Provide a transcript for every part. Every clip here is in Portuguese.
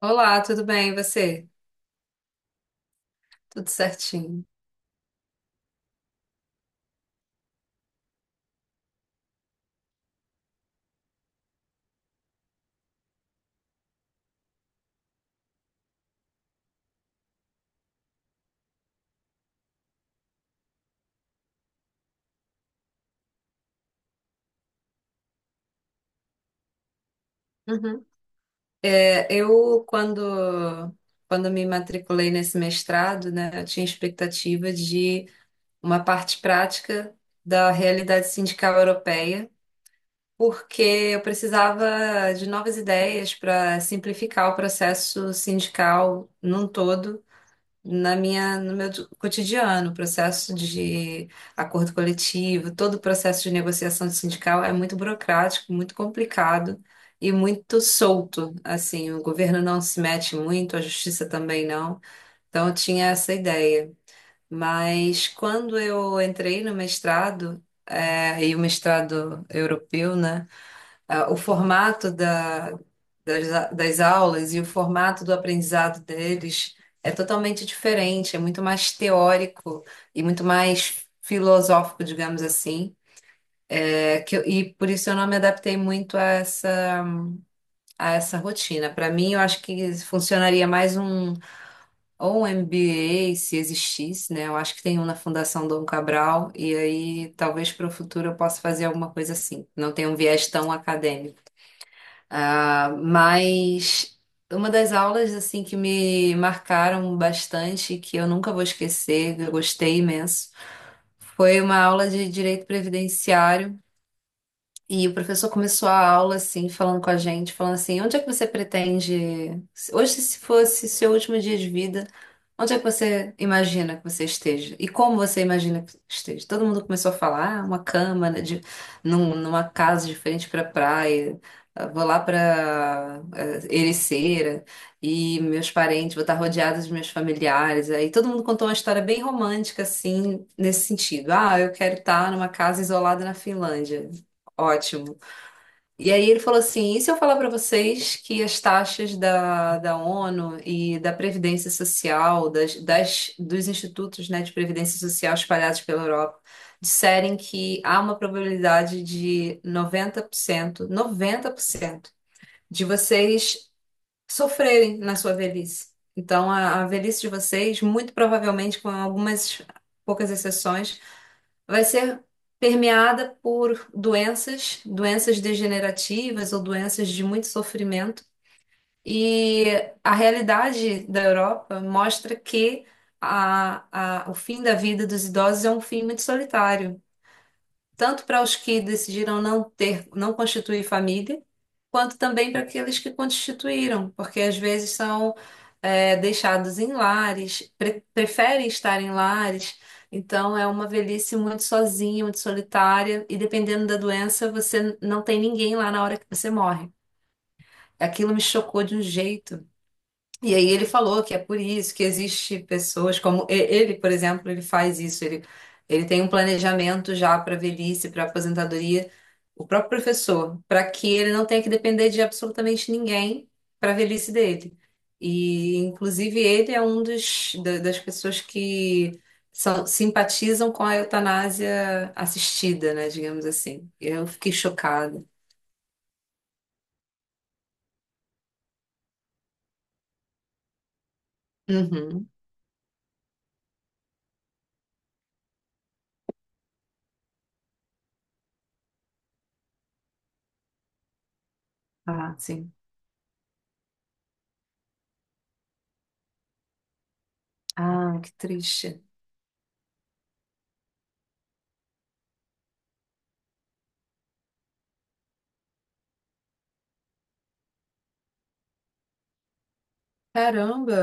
Olá, tudo bem? E você? Tudo certinho. Uhum. É, quando me matriculei nesse mestrado, né, eu tinha expectativa de uma parte prática da realidade sindical europeia, porque eu precisava de novas ideias para simplificar o processo sindical num todo. No meu cotidiano, o processo de acordo coletivo, todo o processo de negociação de sindical é muito burocrático, muito complicado e muito solto. Assim, o governo não se mete muito, a justiça também não. Então, eu tinha essa ideia. Mas quando eu entrei no mestrado, e o mestrado europeu, né? O formato das aulas e o formato do aprendizado deles é totalmente diferente, é muito mais teórico e muito mais filosófico, digamos assim. E por isso eu não me adaptei muito a essa rotina. Para mim, eu acho que funcionaria mais um ou um MBA, se existisse, né? Eu acho que tem um na Fundação Dom Cabral, e aí talvez para o futuro eu possa fazer alguma coisa assim. Não tem um viés tão acadêmico. Ah, mas uma das aulas assim que me marcaram bastante, que eu nunca vou esquecer, eu gostei imenso, foi uma aula de direito previdenciário. E o professor começou a aula assim, falando com a gente, falando assim: onde é que você pretende, hoje, se fosse seu último dia de vida, onde é que você imagina que você esteja? E como você imagina que esteja? Todo mundo começou a falar: ah, uma cama, né, de, numa casa diferente para praia, ah, vou lá para Ericeira, e meus parentes, vou estar rodeada dos meus familiares. Aí todo mundo contou uma história bem romântica, assim, nesse sentido: ah, eu quero estar numa casa isolada na Finlândia. Ótimo. E aí ele falou assim: e se eu falar para vocês que as taxas da ONU e da Previdência Social, dos institutos, né, de Previdência Social espalhados pela Europa, disserem que há uma probabilidade de noventa por cento de vocês sofrerem na sua velhice. Então, a velhice de vocês, muito provavelmente, com algumas poucas exceções, vai ser permeada por doenças, doenças degenerativas ou doenças de muito sofrimento. E a realidade da Europa mostra que o fim da vida dos idosos é um fim muito solitário tanto para os que decidiram não ter, não constituir família, quanto também para aqueles que constituíram, porque às vezes são deixados em lares, preferem estar em lares, então é uma velhice muito sozinha, muito solitária, e dependendo da doença, você não tem ninguém lá na hora que você morre. Aquilo me chocou de um jeito. E aí ele falou que é por isso que existe pessoas como ele, por exemplo, ele faz isso, ele tem um planejamento já para velhice, para aposentadoria, o próprio professor, para que ele não tenha que depender de absolutamente ninguém para a velhice dele. E inclusive ele é um dos das pessoas que são, simpatizam com a eutanásia assistida, né, digamos assim. Eu fiquei chocada. Uhum. Ah, sim. Ah, que triste. Caramba,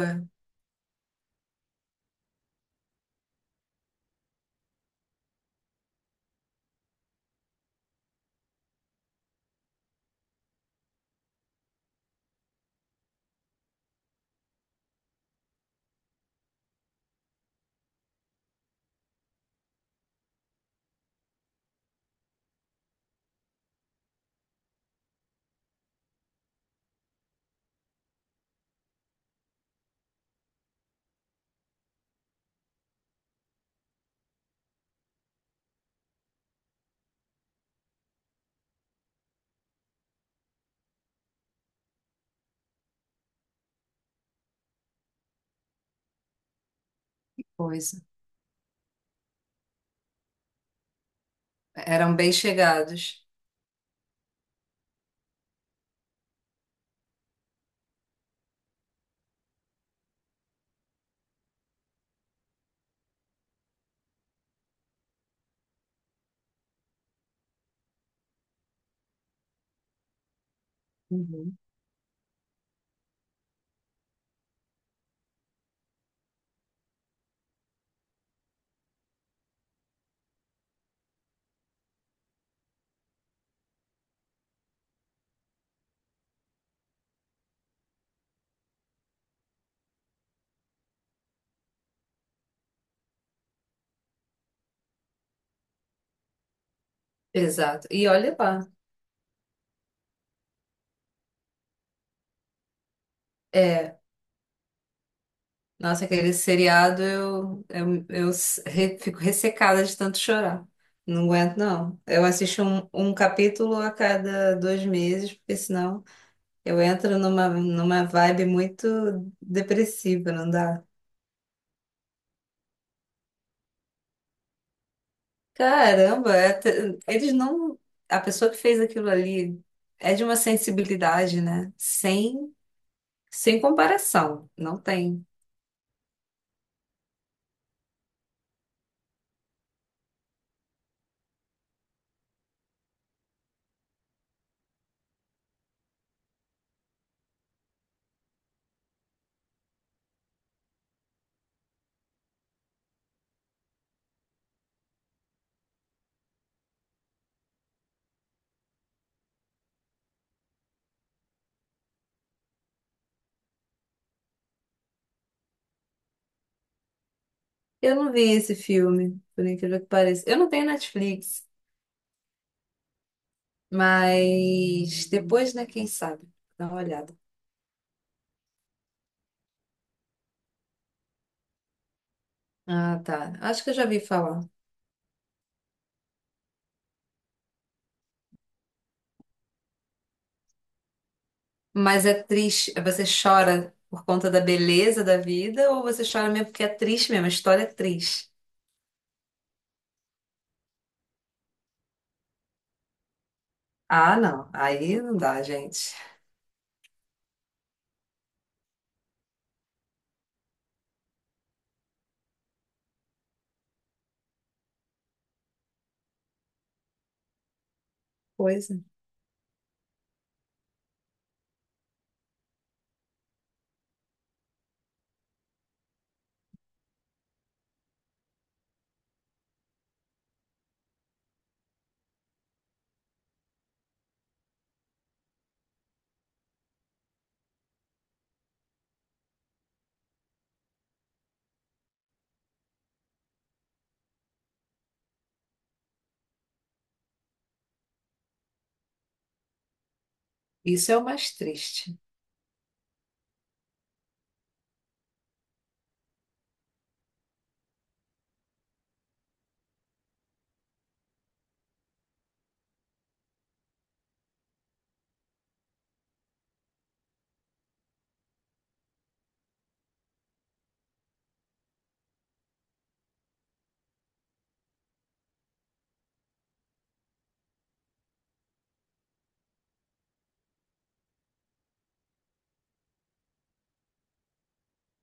que coisa. Eram bem chegados. Uhum. Exato. E olha lá. É, Nossa, aquele seriado eu fico ressecada de tanto chorar. Não aguento, não. Eu assisto um capítulo a cada 2 meses, porque senão eu entro numa vibe muito depressiva, não dá? Caramba, eles não. A pessoa que fez aquilo ali é de uma sensibilidade, né? Sem comparação. Não tem. Eu não vi esse filme, por incrível que pareça. Eu não tenho Netflix, mas depois, né, quem sabe? Dá uma olhada. Ah, tá. Acho que eu já vi falar. Mas é triste. Você chora por conta da beleza da vida ou você chora mesmo porque é triste mesmo? A história é triste. Ah, não. Aí não dá, gente. Pois é. Isso é o mais triste.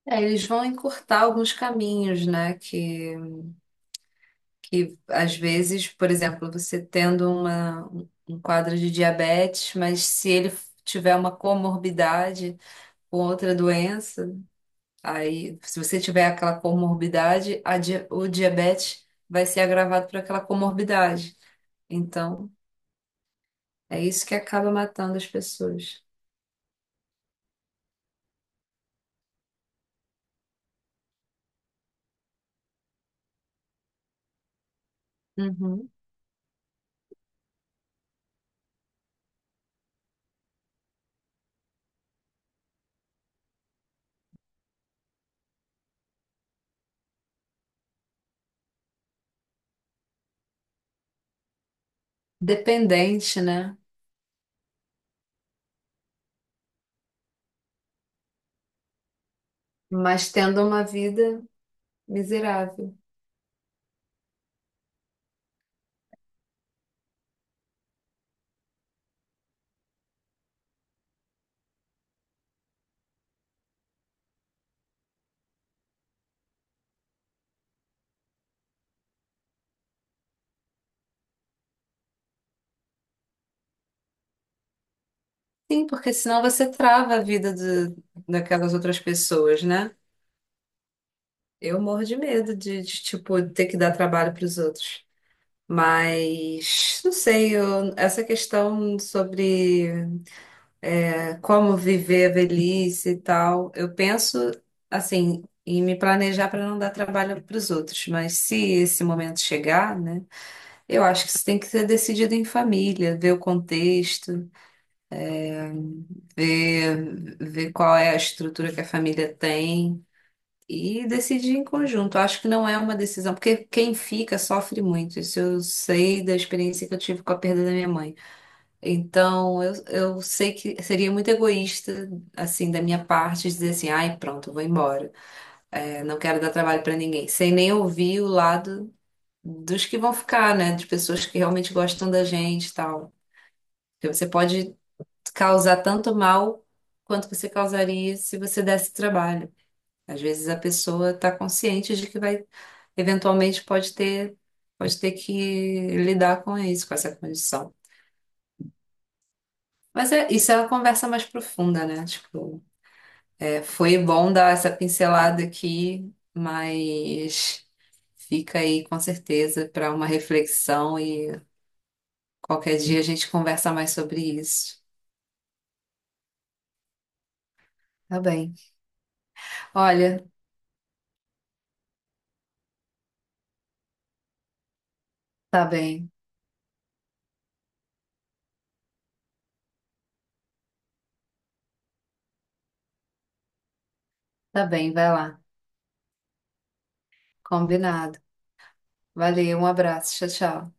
É, eles vão encurtar alguns caminhos, né? Que às vezes, por exemplo, você tendo um quadro de diabetes, mas se ele tiver uma comorbidade com outra doença, aí se você tiver aquela comorbidade, o diabetes vai ser agravado por aquela comorbidade. Então, é isso que acaba matando as pessoas. Uhum. Dependente, né? Mas tendo uma vida miserável. Sim, porque senão você trava a vida daquelas outras pessoas, né? Eu morro de medo de, tipo, ter que dar trabalho para os outros. Mas, não sei, essa questão sobre como viver a velhice e tal, eu penso, assim, em me planejar para não dar trabalho para os outros. Mas se esse momento chegar, né, eu acho que isso tem que ser decidido em família, ver o contexto, ver qual é a estrutura que a família tem. E decidir em conjunto. Acho que não é uma decisão, porque quem fica sofre muito. Isso eu sei da experiência que eu tive com a perda da minha mãe. Então, eu sei que seria muito egoísta, assim, da minha parte, dizer assim: ai, pronto, eu vou embora. É, não quero dar trabalho para ninguém. Sem nem ouvir o lado dos que vão ficar, né? De pessoas que realmente gostam da gente e tal. Porque você pode causar tanto mal quanto você causaria se você desse trabalho. Às vezes a pessoa está consciente de que vai, eventualmente pode ter que lidar com isso, com essa condição. Mas isso é uma conversa mais profunda, né? Tipo, foi bom dar essa pincelada aqui, mas fica aí com certeza para uma reflexão e qualquer dia a gente conversa mais sobre isso. Tá bem. Olha, tá bem, tá bem, vai lá. Combinado. Valeu, um abraço, tchau, tchau.